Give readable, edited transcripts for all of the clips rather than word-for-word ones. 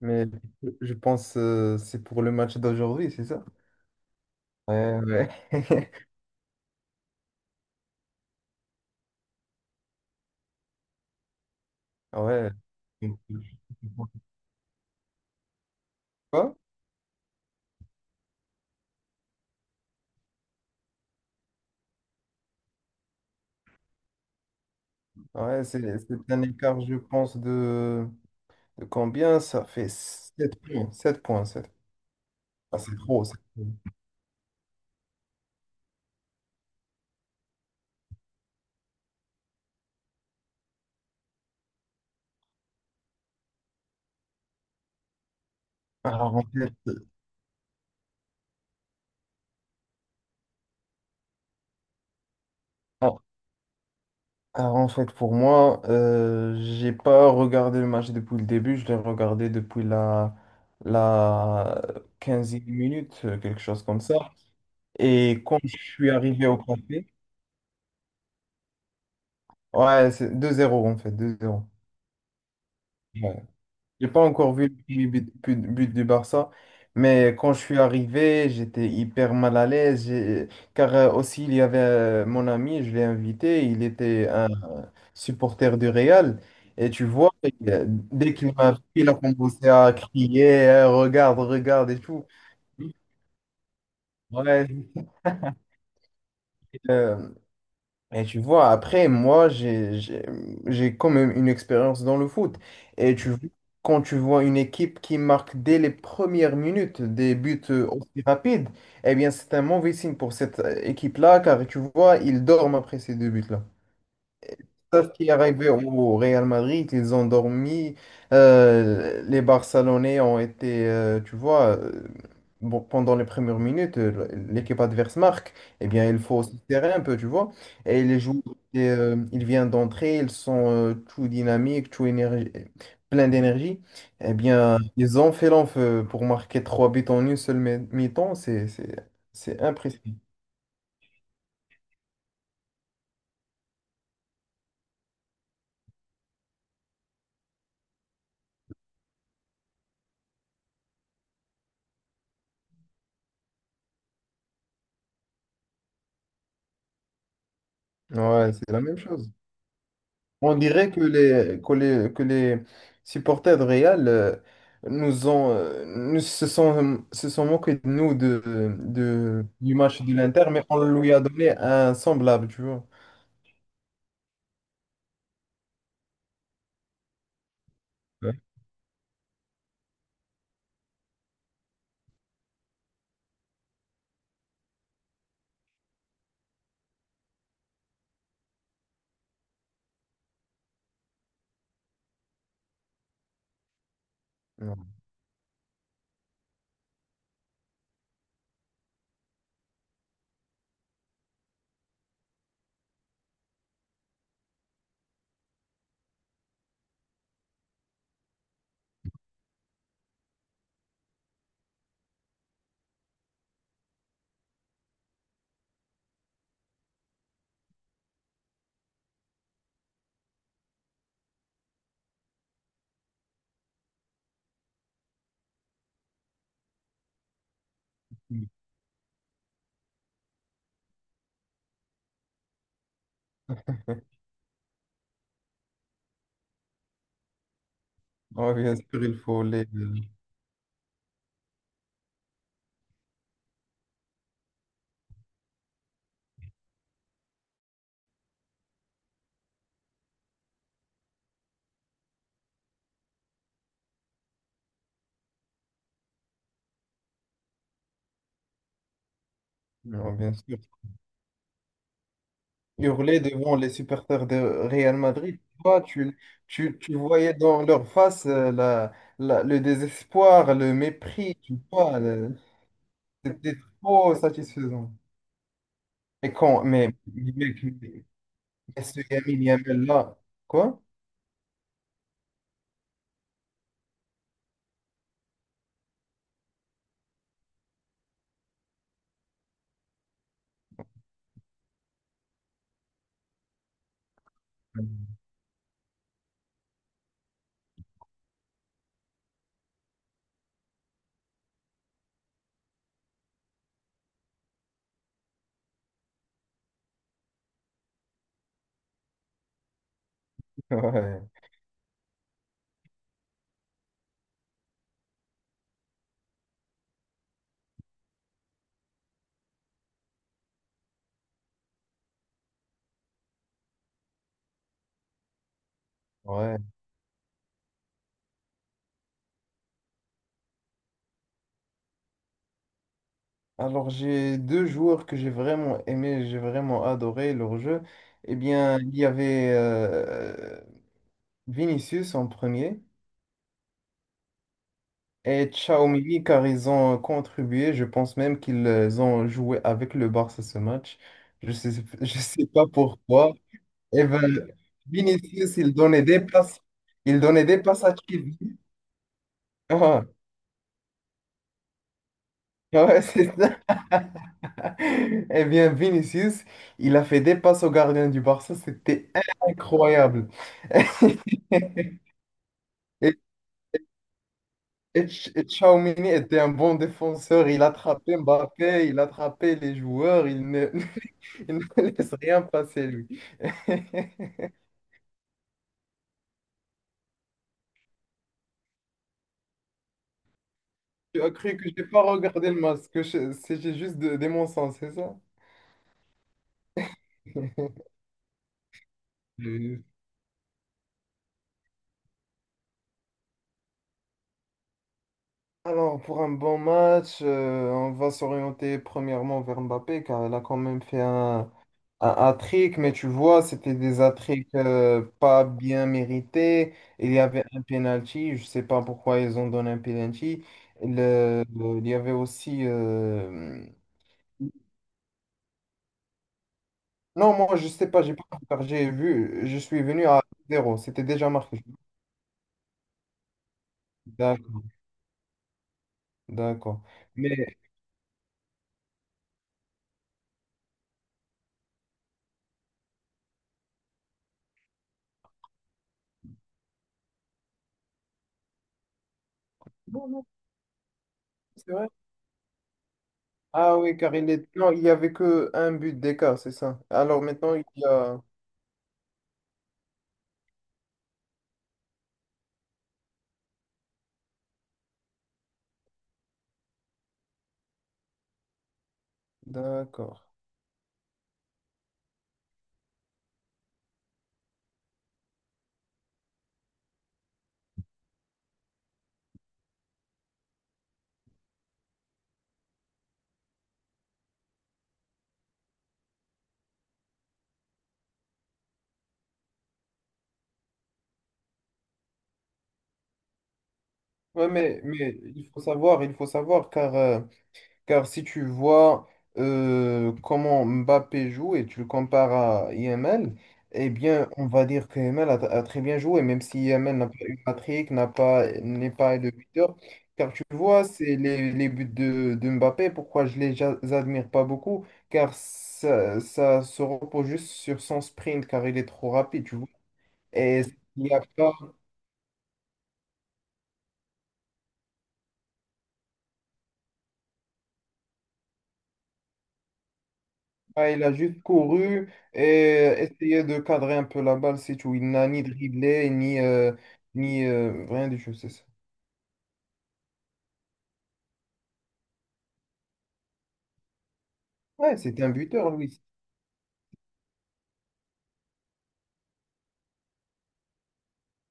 Mais je pense c'est pour le match d'aujourd'hui, c'est ça? Ouais, ouais. Ouais. Quoi? Ah ouais, c'est un écart, je pense, de combien? Ça fait 7 points, 7 points, 7. Ah, c'est trop, c'est trop. Alors, en fait, ah, alors, en fait, pour moi, j'ai pas regardé le match depuis le début, je l'ai regardé depuis la quinzième minute, quelque chose comme ça. Et quand je suis arrivé au café, ouais, c'est 2-0 en fait, deux zéro. Ouais. J'ai pas encore vu le premier but, but du Barça, mais quand je suis arrivé, j'étais hyper mal à l'aise, car aussi il y avait mon ami, je l'ai invité, il était un supporter du Real, et tu vois, dès qu'il m'a vu, il a commencé à crier. Eh, regarde, regarde et tout. Ouais. Et tu vois, après, moi, j'ai quand même une expérience dans le foot. Et tu, quand tu vois une équipe qui marque dès les premières minutes des buts aussi rapides, eh bien, c'est un mauvais signe pour cette équipe-là, car tu vois, ils dorment après ces deux buts-là. Sauf qui est arrivé au Real Madrid, ils ont dormi. Les Barcelonais ont été, tu vois, bon, pendant les premières minutes, l'équipe adverse marque. Eh bien, il faut se serrer un peu, tu vois. Et les joueurs, ils viennent d'entrer, ils sont tout dynamiques, tout énergie, plein d'énergie. Eh bien, ils ont fait l'enfeu pour marquer trois buts en une seule mi-temps. C'est impressionnant. Ouais, c'est la même chose. On dirait que les supporters de Real nous ont, nous se sont moqués de nous de, du match de l'Inter, mais on lui a donné un semblable, tu vois. Ouais. Non. Non, bien sûr, il faut les, non, bien sûr. Hurler devant les supporters de Real Madrid. Toi, tu voyais dans leur face la, le désespoir, le mépris, tu vois. Le- c'était trop satisfaisant. Mais quand mais mec, mais ce Yamin Yamel là, quoi? Ouais, ouais. Alors j'ai deux joueurs que j'ai vraiment aimé, j'ai vraiment adoré leur jeu. Eh bien, il y avait Vinicius en premier et Xiaomini car ils ont contribué. Je pense même qu'ils ont joué avec le Barça ce match. Je sais, je sais pas pourquoi. Eh ben, Vinicius, il donnait des passes à Chilwell. Ah ouais, c'est ça. Eh bien, Vinicius, il a fait des passes au gardien du Barça, c'était incroyable. Et, Ch- et Tchouaméni était un bon défenseur, il attrapait Mbappé, il attrapait les joueurs, il ne, il ne laisse rien passer, lui. Tu as cru que j'ai pas regardé le match, que je- c'est j'ai juste de, des mensonges, c'est ça? Mhm. Alors, pour un bon match, on va s'orienter premièrement vers Mbappé, car il a quand même fait un hat-trick, mais tu vois, c'était des hat pas bien mérités. Il y avait un penalty, je sais pas pourquoi ils ont donné un penalty. Il y avait aussi. Euh, non, moi, je sais pas, j'ai pas regardé, j'ai vu, je suis venu à zéro, c'était déjà marqué. D'accord, d'accord. Mais. Non, non, c'est vrai. Ah oui, car il est... non, il y avait que un but d'écart, c'est ça. Alors maintenant, il y a. D'accord. Ouais, mais il faut savoir, car. Euh, car si tu vois comment Mbappé joue et tu le compares à Yamal, eh bien, on va dire que Yamal a très bien joué, même si Yamal n'a pas eu Patrick, n'a pas, n'est pas le buteur. Car tu vois, c'est les buts de Mbappé, pourquoi je les ja- admire pas beaucoup, car ça se repose juste sur son sprint, car il est trop rapide, tu vois. Et il n'y a pas ah, il a juste couru et essayé de cadrer un peu la balle, c'est tout. Il n'a ni dribblé, ni, ni rien du tout, c'est ça. Ouais, c'est un buteur, Louis.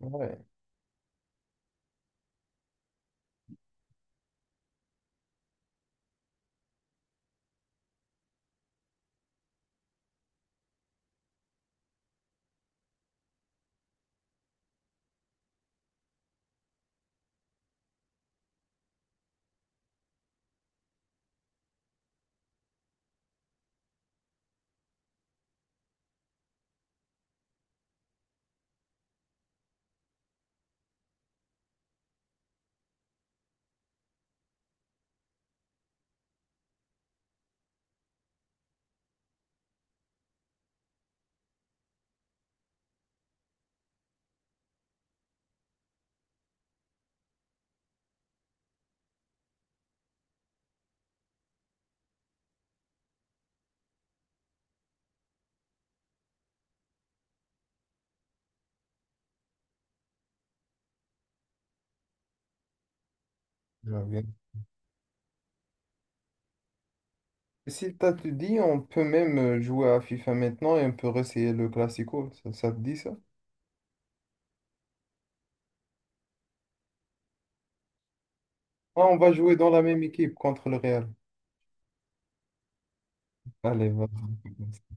Ouais, j'avais bien. Si t'as te dit, on peut même jouer à FIFA maintenant et on peut essayer le Classico. Ça te dit ça? Ah, on va jouer dans la même équipe contre le Real. Allez, vas-y.